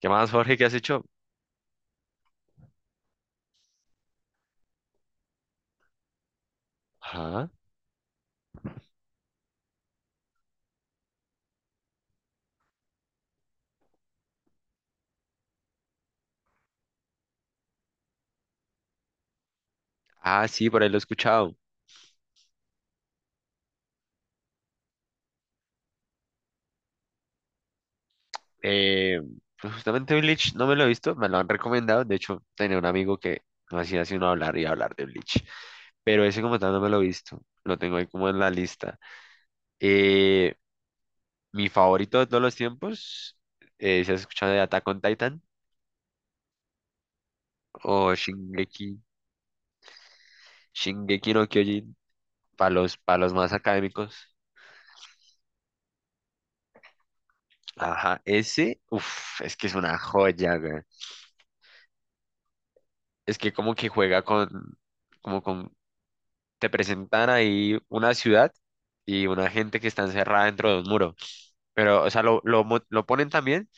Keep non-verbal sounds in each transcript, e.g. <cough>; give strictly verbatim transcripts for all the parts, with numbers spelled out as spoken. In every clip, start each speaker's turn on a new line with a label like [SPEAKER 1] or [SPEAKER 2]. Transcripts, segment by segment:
[SPEAKER 1] ¿Qué más, Jorge? ¿Qué has hecho? Ajá. Ah, sí, por ahí lo he escuchado. Eh, pues justamente Bleach no me lo he visto, me lo han recomendado. De hecho, tenía un amigo que no hacía sino hablar y hablar de Bleach. Pero ese como tal no me lo he visto. Lo tengo ahí como en la lista. Eh, mi favorito de todos los tiempos, eh, ¿se has escuchado de Attack on Titan o Shingeki, Shingeki no Kyojin para los, para los más académicos? Ajá, ese, uff, es que es una joya, güey. Es que como que juega con, como con, te presentan ahí una ciudad y una gente que está encerrada dentro de un muro. Pero, o sea, lo, lo, mo- lo ponen también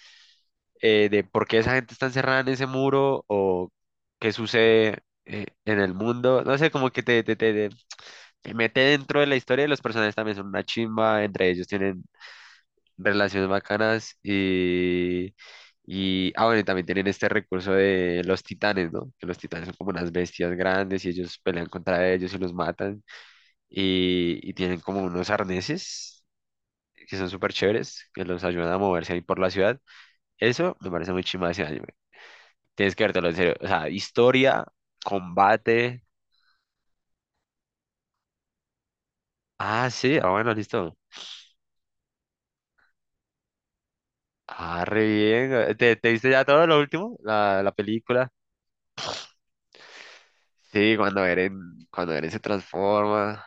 [SPEAKER 1] eh, de por qué esa gente está encerrada en ese muro o qué sucede eh, en el mundo. No sé, como que te, te, te- te te mete dentro de la historia de los personajes también son una chimba, entre ellos tienen relaciones bacanas y, y, ah, bueno, y también tienen este recurso de los titanes, ¿no? Que los titanes son como unas bestias grandes y ellos pelean contra ellos y los matan y, y tienen como unos arneses que son súper chéveres, que los ayudan a moverse ahí por la ciudad. Eso me parece muy chimba de ese anime. Tienes que vértelo en serio. O sea, historia, combate. Ah, sí, ah, bueno, listo. Ah, re bien. ¿Te, te viste ya todo lo último? La, la película. Sí, cuando Eren, cuando Eren se transforma.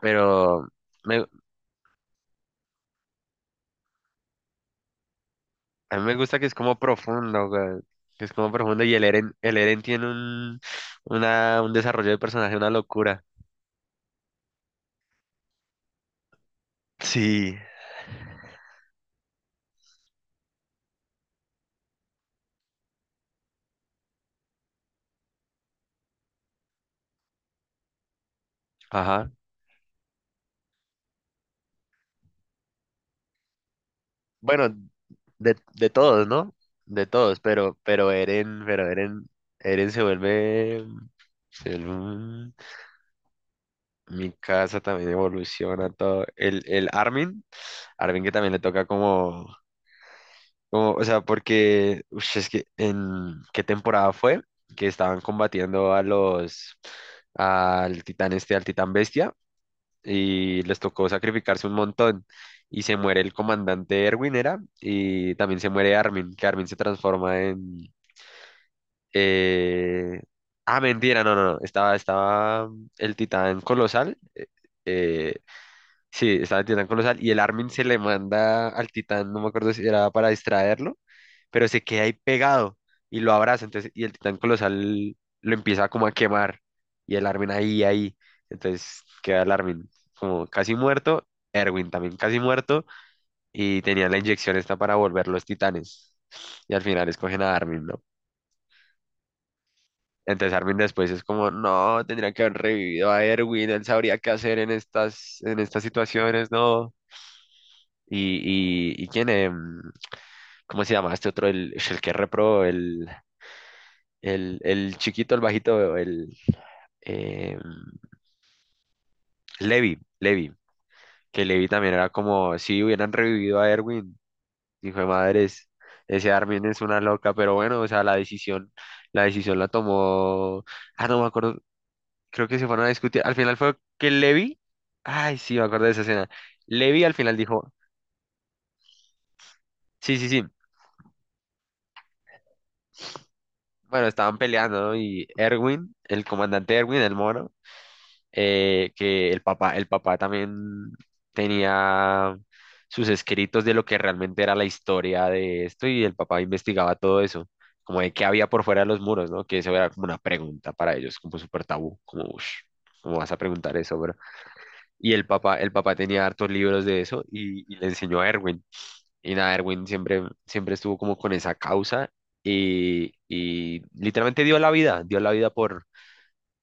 [SPEAKER 1] Pero me- a mí me gusta que es como profundo, güey, que es como profundo y el Eren, el Eren tiene un, una, un desarrollo de personaje, una locura. Sí, ajá. Bueno, de, de todos, ¿no? De todos, pero, pero Eren, pero Eren, Eren se vuelve, se vuelve un- Mi casa también evoluciona todo. El, el Armin, Armin que también le toca como Como, o sea, porque ush, es que en qué temporada fue que estaban combatiendo a los al titán este, al titán bestia, y les tocó sacrificarse un montón. Y se muere el comandante Erwin, era, y también se muere Armin, que Armin se transforma en. eh, Ah, mentira, no, no, no. Estaba, estaba el titán colosal. eh, Sí, estaba el titán colosal y el Armin se le manda al titán, no me acuerdo si era para distraerlo, pero se queda ahí pegado y lo abraza, entonces, y el titán colosal lo empieza como a quemar y el Armin ahí, ahí, entonces queda el Armin como casi muerto, Erwin también casi muerto y tenía la inyección esta para volver los titanes y al final escogen a Armin, ¿no? Entonces Armin después es como, no, tendría que haber revivido a Erwin, él sabría qué hacer en estas, en estas situaciones, no. Y, y, y quién, em, ¿cómo se llama? Este otro, el, el que es repro, el, el, el chiquito, el bajito, el em, Levi, Levi, que Levi también era como si hubieran revivido a Erwin, hijo de madres, ese Armin es una loca, pero bueno, o sea, la decisión, la decisión la tomó, ah, no me acuerdo, creo que se fueron a discutir, al final fue que Levi, ay, sí, me acuerdo de esa escena, Levi al final dijo, sí, sí, sí. Bueno, estaban peleando, ¿no? Y Erwin, el comandante Erwin, el mono, eh, que el papá, el papá también tenía sus escritos de lo que realmente era la historia de esto y el papá investigaba todo eso, como de qué había por fuera de los muros, ¿no? Que eso era como una pregunta para ellos, como súper tabú, como, uff, ¿cómo vas a preguntar eso, bro? Y el papá, el papá tenía hartos libros de eso y, y le enseñó a Erwin. Y nada, Erwin siempre, siempre estuvo como con esa causa y, y literalmente dio la vida, dio la vida por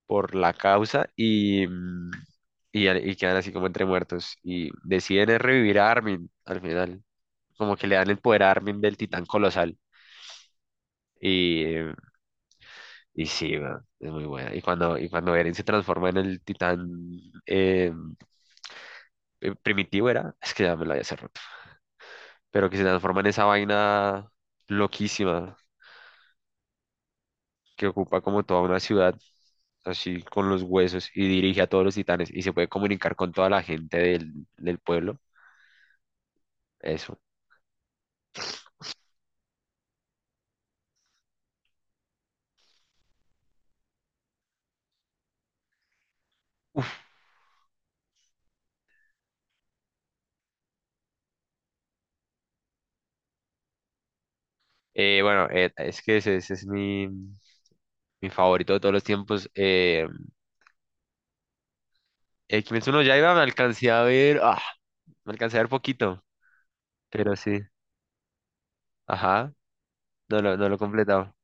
[SPEAKER 1] por la causa y, mm, y, al- y quedan así como entre muertos. Y deciden es revivir a Armin al final, como que le dan el poder a Armin del titán colosal. Y, eh, y sí, weón, es muy buena. Y cuando, y cuando Eren se transforma en el titán eh, eh, primitivo, era, es que ya me lo había cerrado, pero que se transforma en esa vaina loquísima que ocupa como toda una ciudad así con los huesos y dirige a todos los titanes y se puede comunicar con toda la gente del, del pueblo. Eso. Eh, bueno, eh, es que ese, ese es mi, mi favorito de todos los tiempos. Eh, el Kimetsu no Yaiba me alcancé a ver, ah, me alcancé a ver poquito, pero sí, ajá, no lo, no lo he completado.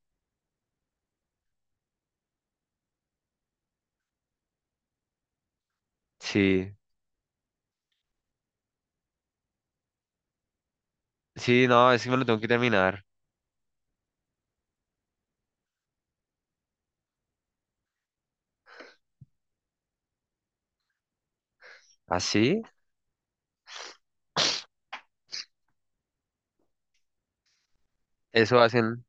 [SPEAKER 1] Sí, sí, no, es que me lo tengo que terminar. Así, eso hacen,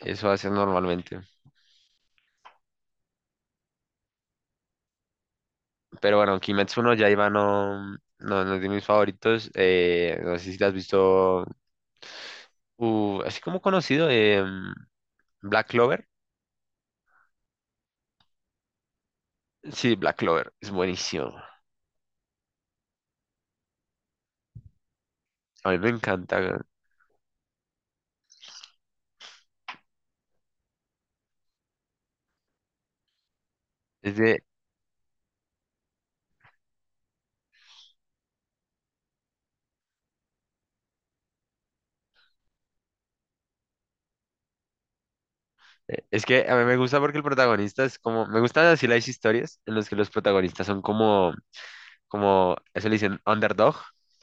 [SPEAKER 1] eso hacen normalmente. Pero bueno, Kimetsu no Yaiba no, no, no es de mis favoritos. Eh, no sé si te has visto, uh, así como conocido, em, Black Clover. Sí, Black Clover, es buenísimo. A mí me encanta. Es de- es que a mí me gusta porque el protagonista es como, me gustan así las historias en las que los protagonistas son como como eso le dicen underdog,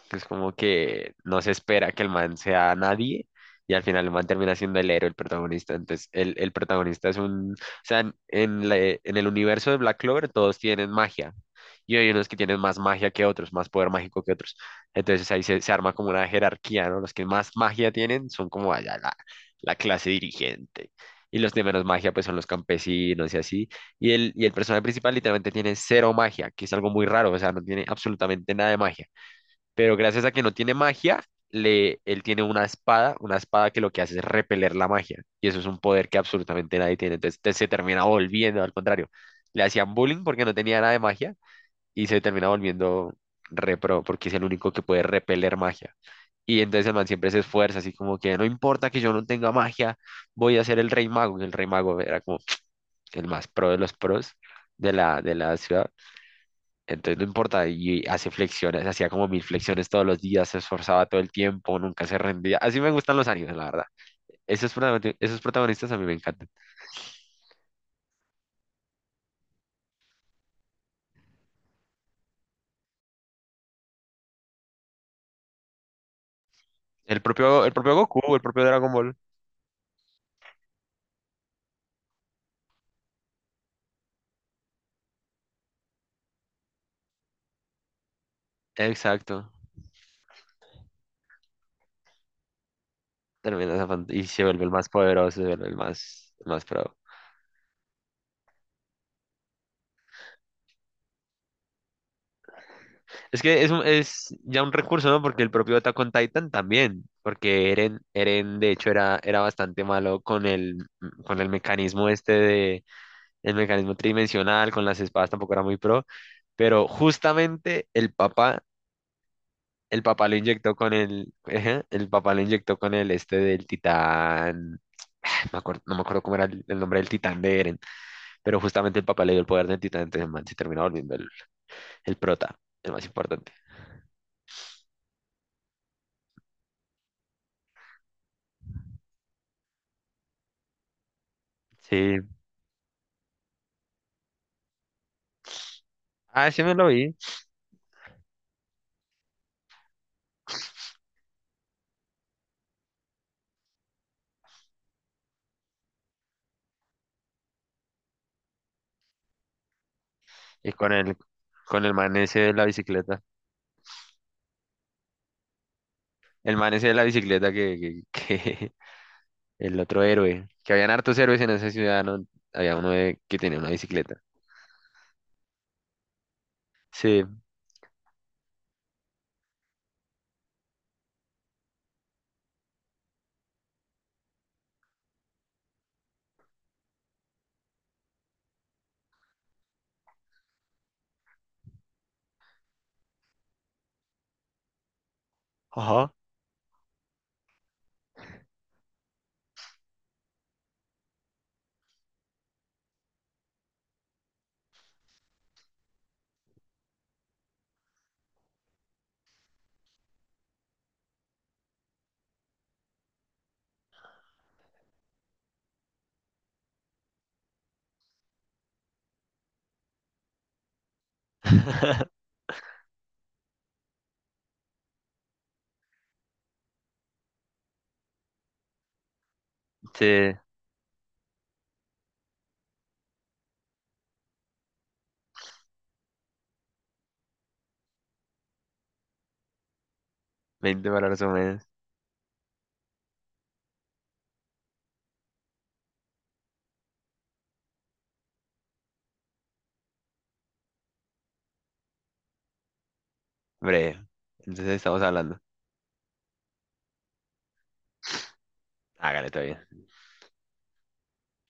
[SPEAKER 1] que es como que no se espera que el man sea nadie y al final el man termina siendo el héroe, el protagonista. Entonces, el, el protagonista es un, o sea, en, en la- en el universo de Black Clover todos tienen magia y hay unos que tienen más magia que otros, más poder mágico que otros. Entonces ahí se, se arma como una jerarquía, ¿no? Los que más magia tienen son como allá la, la clase dirigente. Y los de menos magia pues son los campesinos y así. Y el, y el personaje principal literalmente tiene cero magia, que es algo muy raro, o sea, no tiene absolutamente nada de magia. Pero gracias a que no tiene magia, le, él tiene una espada, una espada que lo que hace es repeler la magia. Y eso es un poder que absolutamente nadie tiene. Entonces, te- se termina volviendo, al contrario. Le hacían bullying porque no tenía nada de magia y se termina volviendo repro porque es el único que puede repeler magia. Y entonces el man siempre se esfuerza, así como que no importa que yo no tenga magia, voy a ser el rey mago. Y el rey mago era como el más pro de los pros de la, de la ciudad. Entonces no importa, y hace flexiones, hacía como mil flexiones todos los días, se esforzaba todo el tiempo, nunca se rendía. Así me gustan los animes, la verdad. Esos protagonistas, esos protagonistas a mí me encantan. El propio, el propio Goku, el propio Dragon Ball. Exacto. Termina esa fan- y se vuelve el más poderoso, se vuelve el más, el más pro. Es que es, un- es ya un recurso, ¿no? Porque el propio Attack on Titan también, porque Eren, Eren de hecho era, era bastante malo con el, con el mecanismo este de el mecanismo tridimensional, con las espadas tampoco era muy pro, pero justamente el papá, el papá lo inyectó con el, ajá, el papá lo inyectó con el este del titán, ay, me acuerdo- no me acuerdo cómo era el, el nombre del titán de Eren, pero justamente el papá le dio el poder del titán, entonces el man se termina volviendo el, el prota, el más importante. Sí, ah, sí me lo vi, y con el, con el man ese de la bicicleta, el man ese de la bicicleta que, que, que <laughs> el otro héroe, que habían hartos héroes en esa ciudad, ¿no? Había uno de- que tenía una bicicleta. Sí, ajá. <laughs> Sí, veinte palabras o menos. Breve. Entonces estamos hablando. Hágale, todavía.